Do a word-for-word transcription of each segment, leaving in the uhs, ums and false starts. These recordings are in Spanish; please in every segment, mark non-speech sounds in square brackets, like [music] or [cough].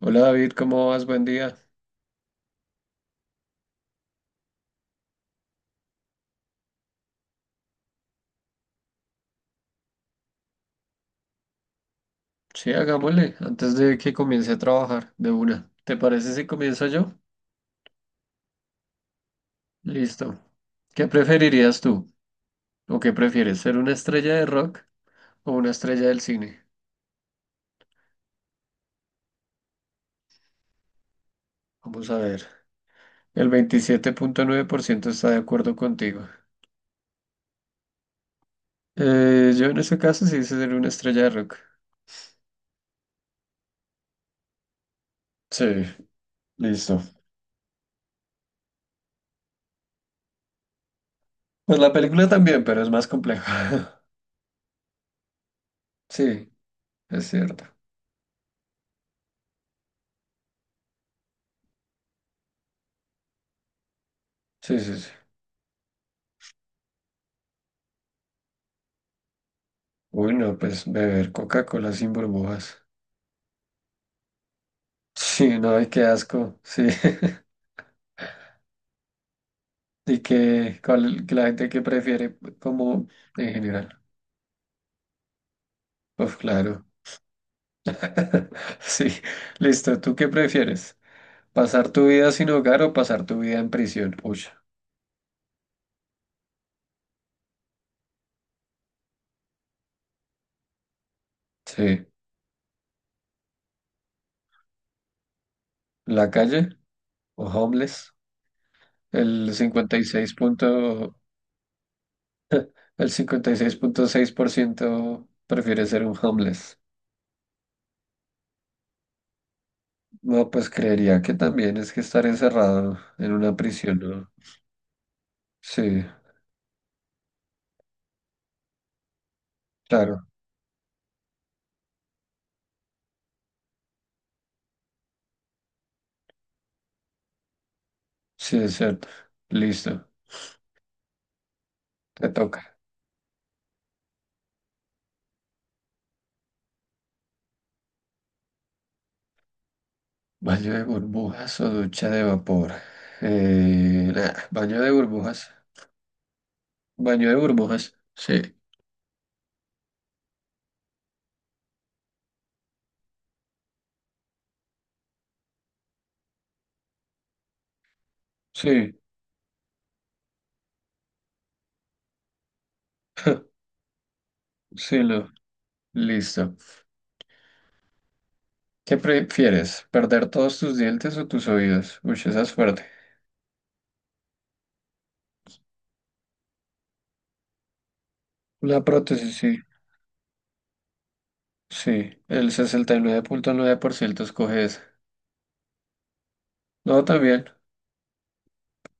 Hola David, ¿cómo vas? Buen día. Sí, hagámosle, antes de que comience a trabajar de una. ¿Te parece si comienzo yo? Listo. ¿Qué preferirías tú? ¿O qué prefieres, ser una estrella de rock o una estrella del cine? Vamos a ver. El veintisiete punto nueve por ciento está de acuerdo contigo. Eh, yo en ese caso sí hice ser una estrella de rock. Sí, listo. Pues la película también, pero es más compleja. [laughs] Sí, es cierto. Sí, sí, sí. Uy, no, pues beber Coca-Cola sin burbujas. Sí, no, y qué asco, sí. [laughs] Y que, cuál- que la gente que prefiere como en general. Pues claro. [laughs] Sí, listo. ¿Tú qué prefieres? ¿Pasar tu vida sin hogar o pasar tu vida en prisión? Uy, sí. ¿La calle o homeless? El cincuenta y seis punto, el cincuenta y seis seis punto seis por ciento prefiere ser un homeless. No, pues creería que también es que estar encerrado en una prisión, ¿no? Sí, claro. Sí, es cierto. Listo, te toca. Baño de burbujas o ducha de vapor. Eh, nah, baño de burbujas. Baño de burbujas. Sí, sí, [laughs] sí, lo. Listo. ¿Qué prefieres? ¿Perder todos tus dientes o tus oídos? Uy, esa es fuerte. La prótesis, sí. Sí, el sesenta y nueve nueve punto nueve por ciento escoge esa. No, también.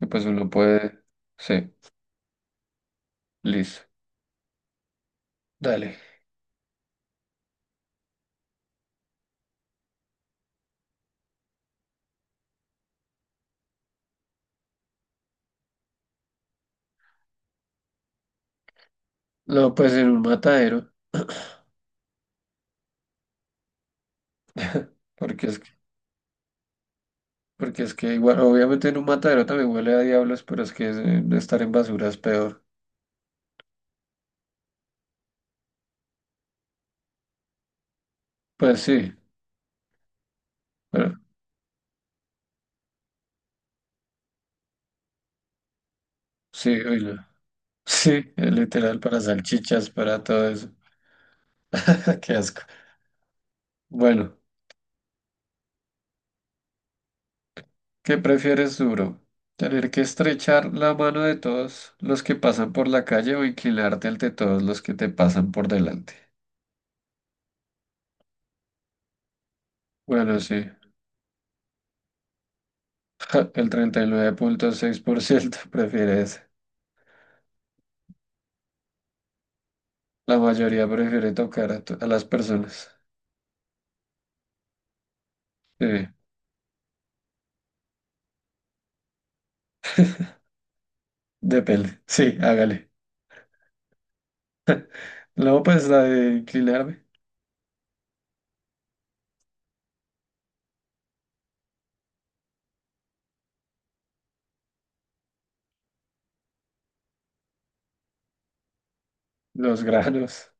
y Pues uno puede. Sí, listo. Dale. No, pues en un matadero, porque es Porque es que igual, obviamente en un matadero también huele a diablos, pero es que eh, estar en basura es peor. Pues sí, pero sí, uy, no. [laughs] Sí, eh, literal, para salchichas, para todo eso. [laughs] Qué asco. Bueno, ¿qué prefieres duro? ¿Tener que estrechar la mano de todos los que pasan por la calle o inclinarte ante todos los que te pasan por delante? Bueno, sí, [laughs] el treinta y nueve punto seis por ciento [laughs] prefiere eso. La mayoría prefiere tocar a, to- a las personas. Sí, depende. Sí, hágale. No, pues la de Quilarde, los granos,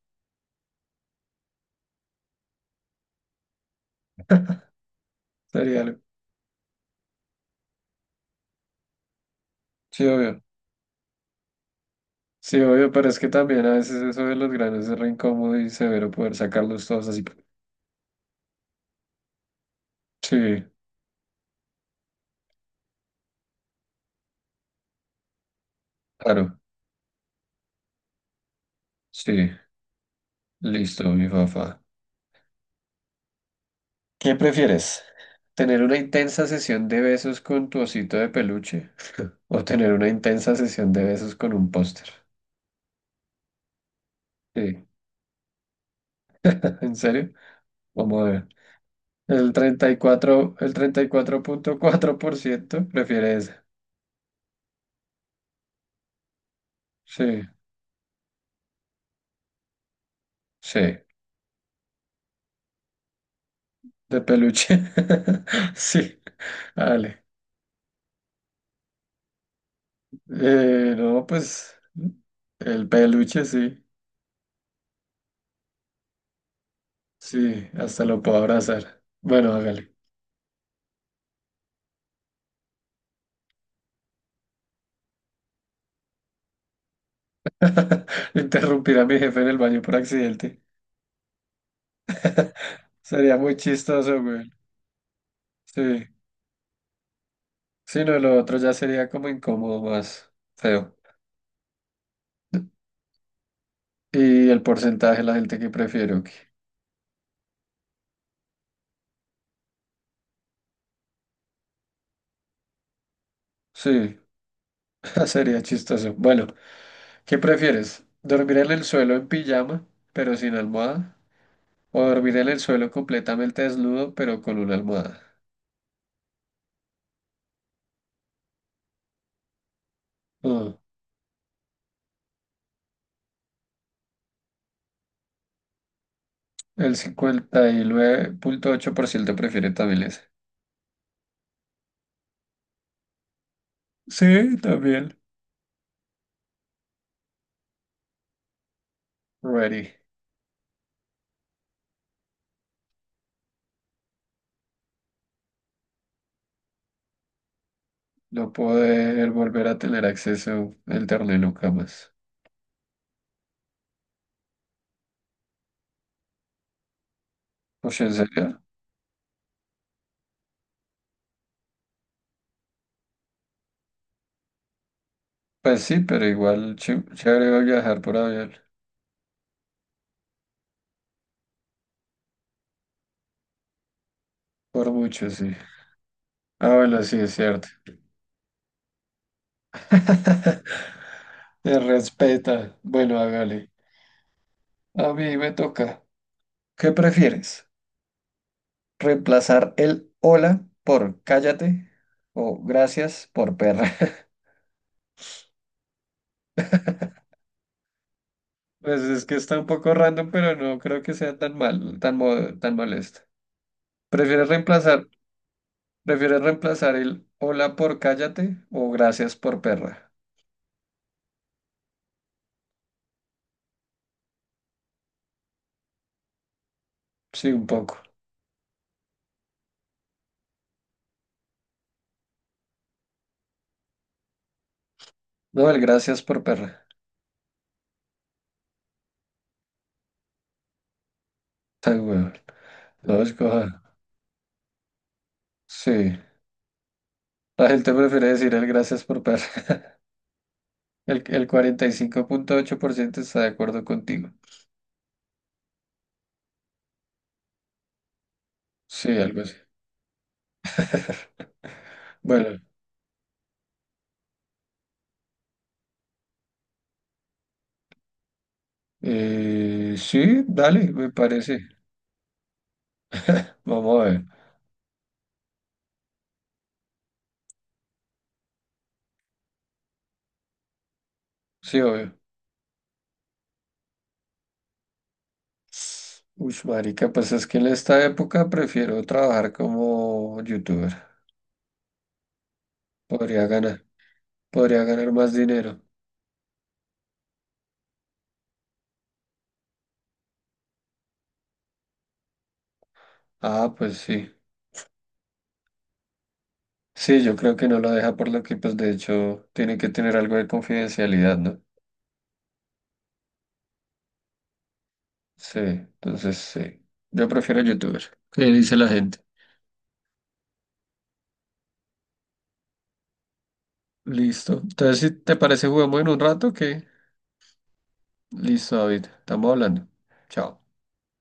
sería algo. Sí, obvio. Sí, obvio, pero es que también a veces eso de los granos es re incómodo y severo poder sacarlos todos así. Sí, claro, sí, listo, mi papá. ¿Qué prefieres? ¿Tener una intensa sesión de besos con tu osito de peluche o tener una intensa sesión de besos con un póster? Sí, [laughs] ¿en serio? Vamos a ver. El treinta y cuatro el treinta y cuatro cuatro punto cuatro por ciento prefiere esa. Sí, sí. De peluche. [laughs] Sí, vale. Eh, no, pues el peluche sí, sí, hasta lo puedo abrazar. Bueno, hágale. [laughs] Interrumpir a mi jefe en el baño por accidente. Sería muy chistoso, güey. Sí, sí, no, lo otro ya sería como incómodo, más feo. Y el porcentaje de la gente que prefiere, ok. Sí, [laughs] sería chistoso. Bueno, ¿qué prefieres? ¿Dormir en el suelo en pijama, pero sin almohada? O dormir en el suelo completamente desnudo, pero con una almohada. Mm, El cincuenta y nueve punto ocho por ciento prefiere también ese. Sí, también. Ready. No poder volver a tener acceso al internet nunca más. Pues en serio. Pues sí, pero igual ch- chévere va a viajar por avión. Por mucho, sí. Ah, bueno, sí, es cierto. [laughs] Te respeta. Bueno, hágale. A mí me toca. ¿Qué prefieres? Reemplazar el hola por cállate o gracias por perra. [laughs] Pues es que está un poco random, pero no creo que sea tan mal, tan mo- tan molesto. ¿Prefieres reemplazar, prefieres reemplazar el hola por cállate o gracias por perra? Sí, un poco. No, el gracias por perra. Ay, weón. No, escoja. Sí. La gente prefiere decir el gracias por perra. [laughs] El, el cuarenta y cinco punto ocho por ciento está de acuerdo contigo. Sí, algo así. Bueno. Eh, sí, dale, me parece. Vamos a ver. Sí, obvio. Uy, marica, pues es que en esta época prefiero trabajar como youtuber. Podría ganar, podría ganar más dinero. Ah, pues sí. Sí, yo creo que no lo deja por lo que, pues de hecho, tiene que tener algo de confidencialidad, ¿no? Sí, entonces sí. Yo prefiero youtuber. ¿Qué dice la gente? Listo. Entonces, si te parece, jugamos en un rato, ¿qué? Listo, David. Estamos hablando. Chao.